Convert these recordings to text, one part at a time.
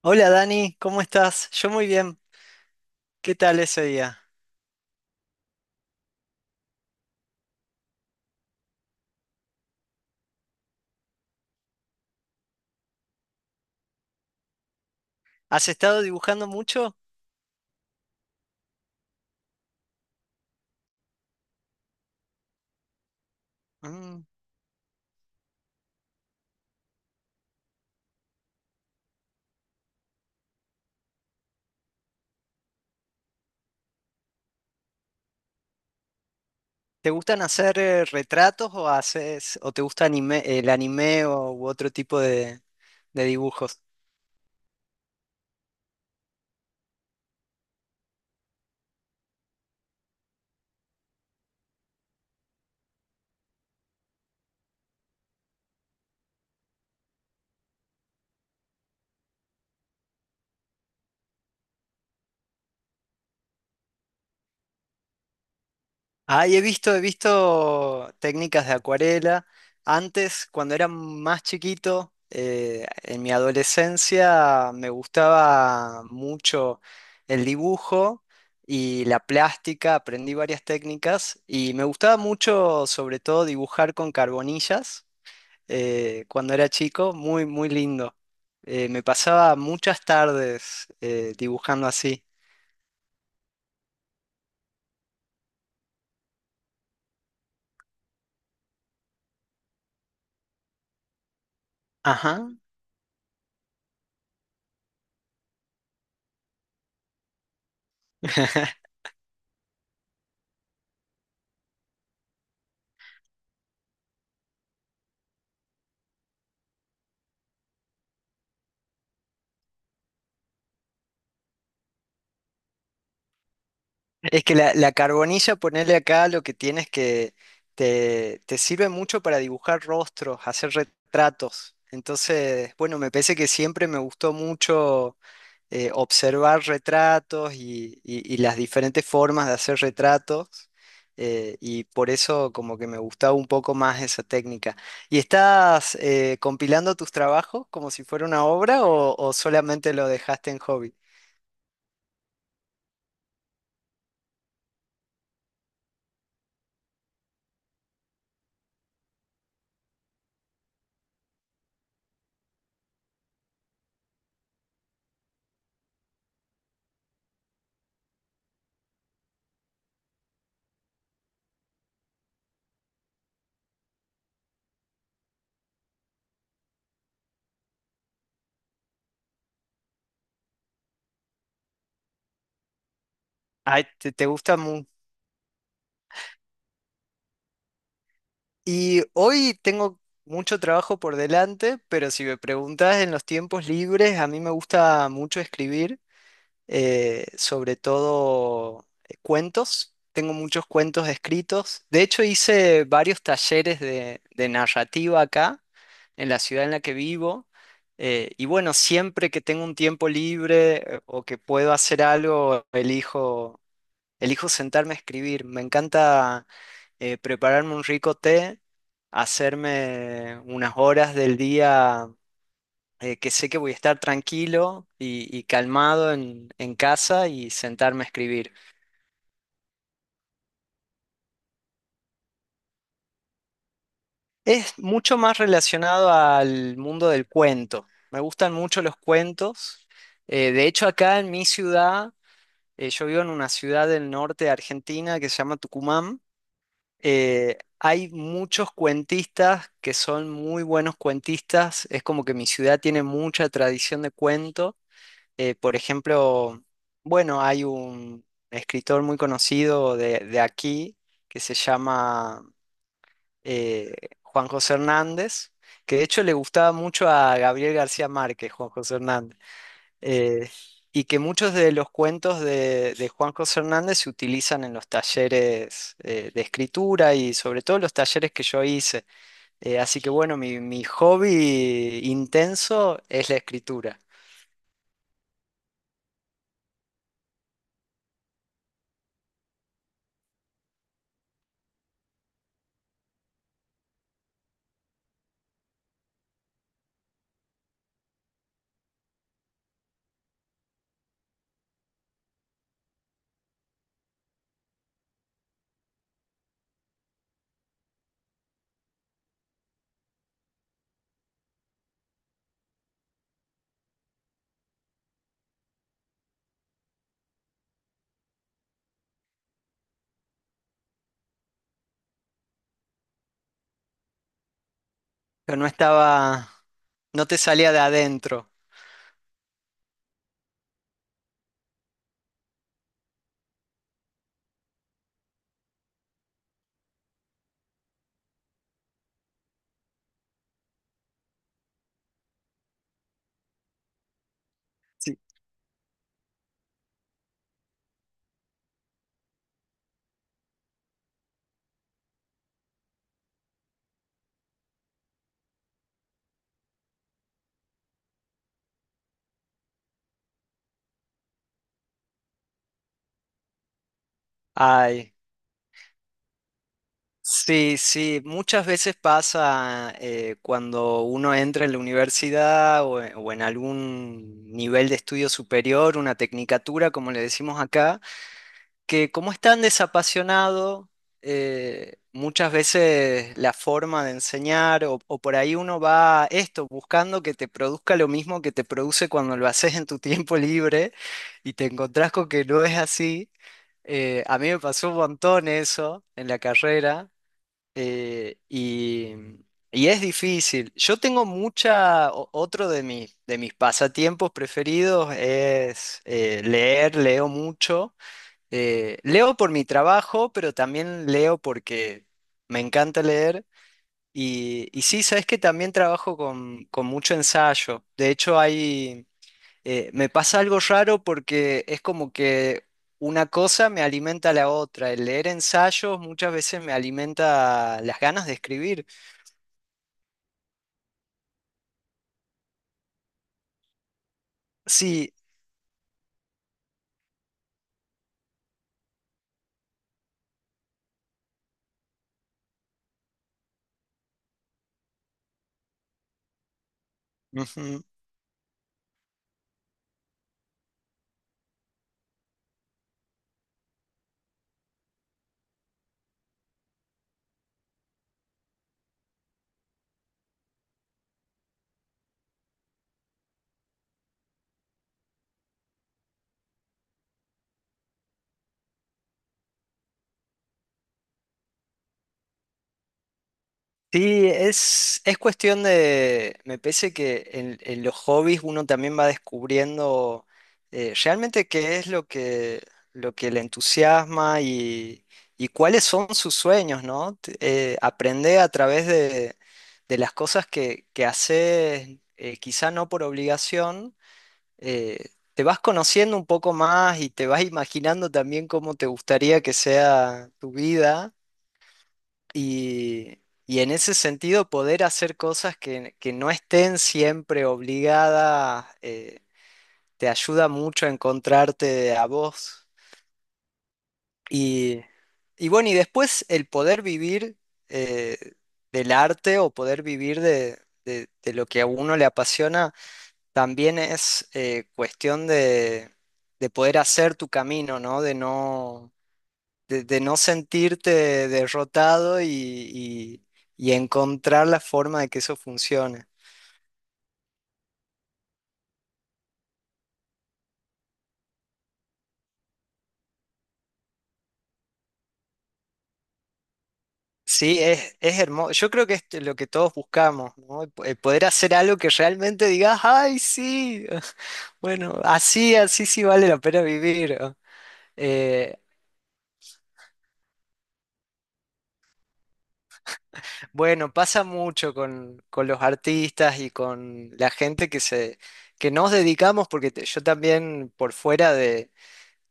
Hola Dani, ¿cómo estás? Yo muy bien. ¿Qué tal ese día? ¿Has estado dibujando mucho? Mm. ¿Te gustan hacer retratos o haces o te gusta el anime o u otro tipo de dibujos? Ah, he visto técnicas de acuarela. Antes, cuando era más chiquito, en mi adolescencia, me gustaba mucho el dibujo y la plástica. Aprendí varias técnicas y me gustaba mucho, sobre todo, dibujar con carbonillas, cuando era chico. Muy, muy lindo. Me pasaba muchas tardes, dibujando así. Ajá. Es que la carbonilla, ponerle acá lo que tienes que te sirve mucho para dibujar rostros, hacer retratos. Entonces, bueno, me parece que siempre me gustó mucho observar retratos y las diferentes formas de hacer retratos. Y por eso como que me gustaba un poco más esa técnica. ¿Y estás compilando tus trabajos como si fuera una obra o solamente lo dejaste en hobby? Ay, ¿te, te gusta mucho? Y hoy tengo mucho trabajo por delante, pero si me preguntas en los tiempos libres, a mí me gusta mucho escribir, sobre todo cuentos. Tengo muchos cuentos escritos. De hecho, hice varios talleres de narrativa acá, en la ciudad en la que vivo. Y bueno, siempre que tengo un tiempo libre o que puedo hacer algo, elijo sentarme a escribir. Me encanta prepararme un rico té, hacerme unas horas del día que sé que voy a estar tranquilo y calmado en casa y sentarme a escribir. Es mucho más relacionado al mundo del cuento. Me gustan mucho los cuentos. De hecho, acá en mi ciudad, yo vivo en una ciudad del norte de Argentina que se llama Tucumán. Hay muchos cuentistas que son muy buenos cuentistas. Es como que mi ciudad tiene mucha tradición de cuento. Por ejemplo, bueno, hay un escritor muy conocido de aquí que se llama eh, Juan José Hernández, que de hecho le gustaba mucho a Gabriel García Márquez, Juan José Hernández, eh, y que muchos de los cuentos de Juan José Hernández se utilizan en los talleres de escritura y sobre todo los talleres que yo hice. Así que bueno, mi hobby intenso es la escritura. Pero no estaba, no te salía de adentro. Sí. Ay. Sí, sí, muchas veces pasa cuando uno entra en la universidad o en algún nivel de estudio superior, una tecnicatura, como le decimos acá, que como es tan desapasionado, muchas veces la forma de enseñar o por ahí uno va esto, buscando que te produzca lo mismo que te produce cuando lo haces en tu tiempo libre y te encontrás con que no es así. A mí me pasó un montón eso en la carrera eh, y, y es difícil. Yo tengo mucha, otro de mis pasatiempos preferidos es leer, leo mucho. Leo por mi trabajo, pero también leo porque me encanta leer. Y sí, sabes que también trabajo con mucho ensayo. De hecho, me pasa algo raro porque es como que una cosa me alimenta a la otra. El leer ensayos muchas veces me alimenta las ganas de escribir. Sí. Ujú. Sí, es cuestión de, me parece que en los hobbies uno también va descubriendo realmente qué es lo que le entusiasma y cuáles son sus sueños, ¿no? Aprender a través de las cosas que haces, quizá no por obligación, eh, te vas conociendo un poco más y te vas imaginando también cómo te gustaría que sea tu vida. Y, y en ese sentido, poder hacer cosas que no estén siempre obligadas, te ayuda mucho a encontrarte a vos. Y, y bueno, y después el poder vivir eh, del arte o poder vivir de lo que a uno le apasiona, también es cuestión de poder hacer tu camino, ¿no? De no sentirte derrotado y encontrar la forma de que eso funcione. Sí, es hermoso. Yo creo que es lo que todos buscamos, ¿no? Poder hacer algo que realmente digas, ay, sí, bueno, así, así sí vale la pena vivir. Eh, bueno, pasa mucho con los artistas y con la gente que se, que nos dedicamos, porque yo también por fuera de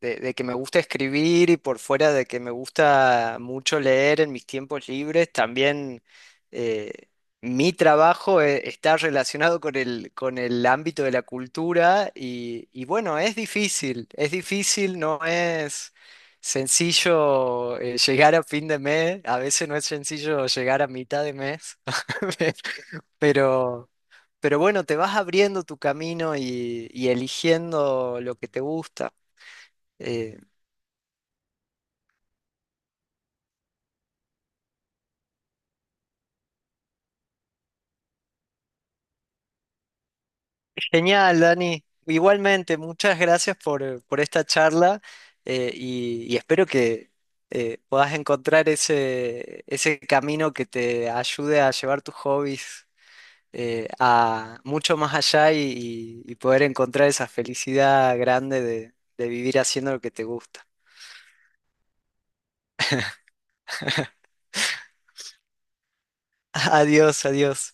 de que me gusta escribir y por fuera de que me gusta mucho leer en mis tiempos libres, también eh, mi trabajo está relacionado con el ámbito de la cultura y bueno, es difícil, no es sencillo llegar a fin de mes, a veces no es sencillo llegar a mitad de mes, pero... Pero bueno, te vas abriendo tu camino y eligiendo lo que te gusta. Eh, Genial, Dani. Igualmente, muchas gracias por esta charla y espero que puedas encontrar ese, ese camino que te ayude a llevar tus hobbies a mucho más allá y poder encontrar esa felicidad grande de vivir haciendo lo que te gusta. Adiós, adiós.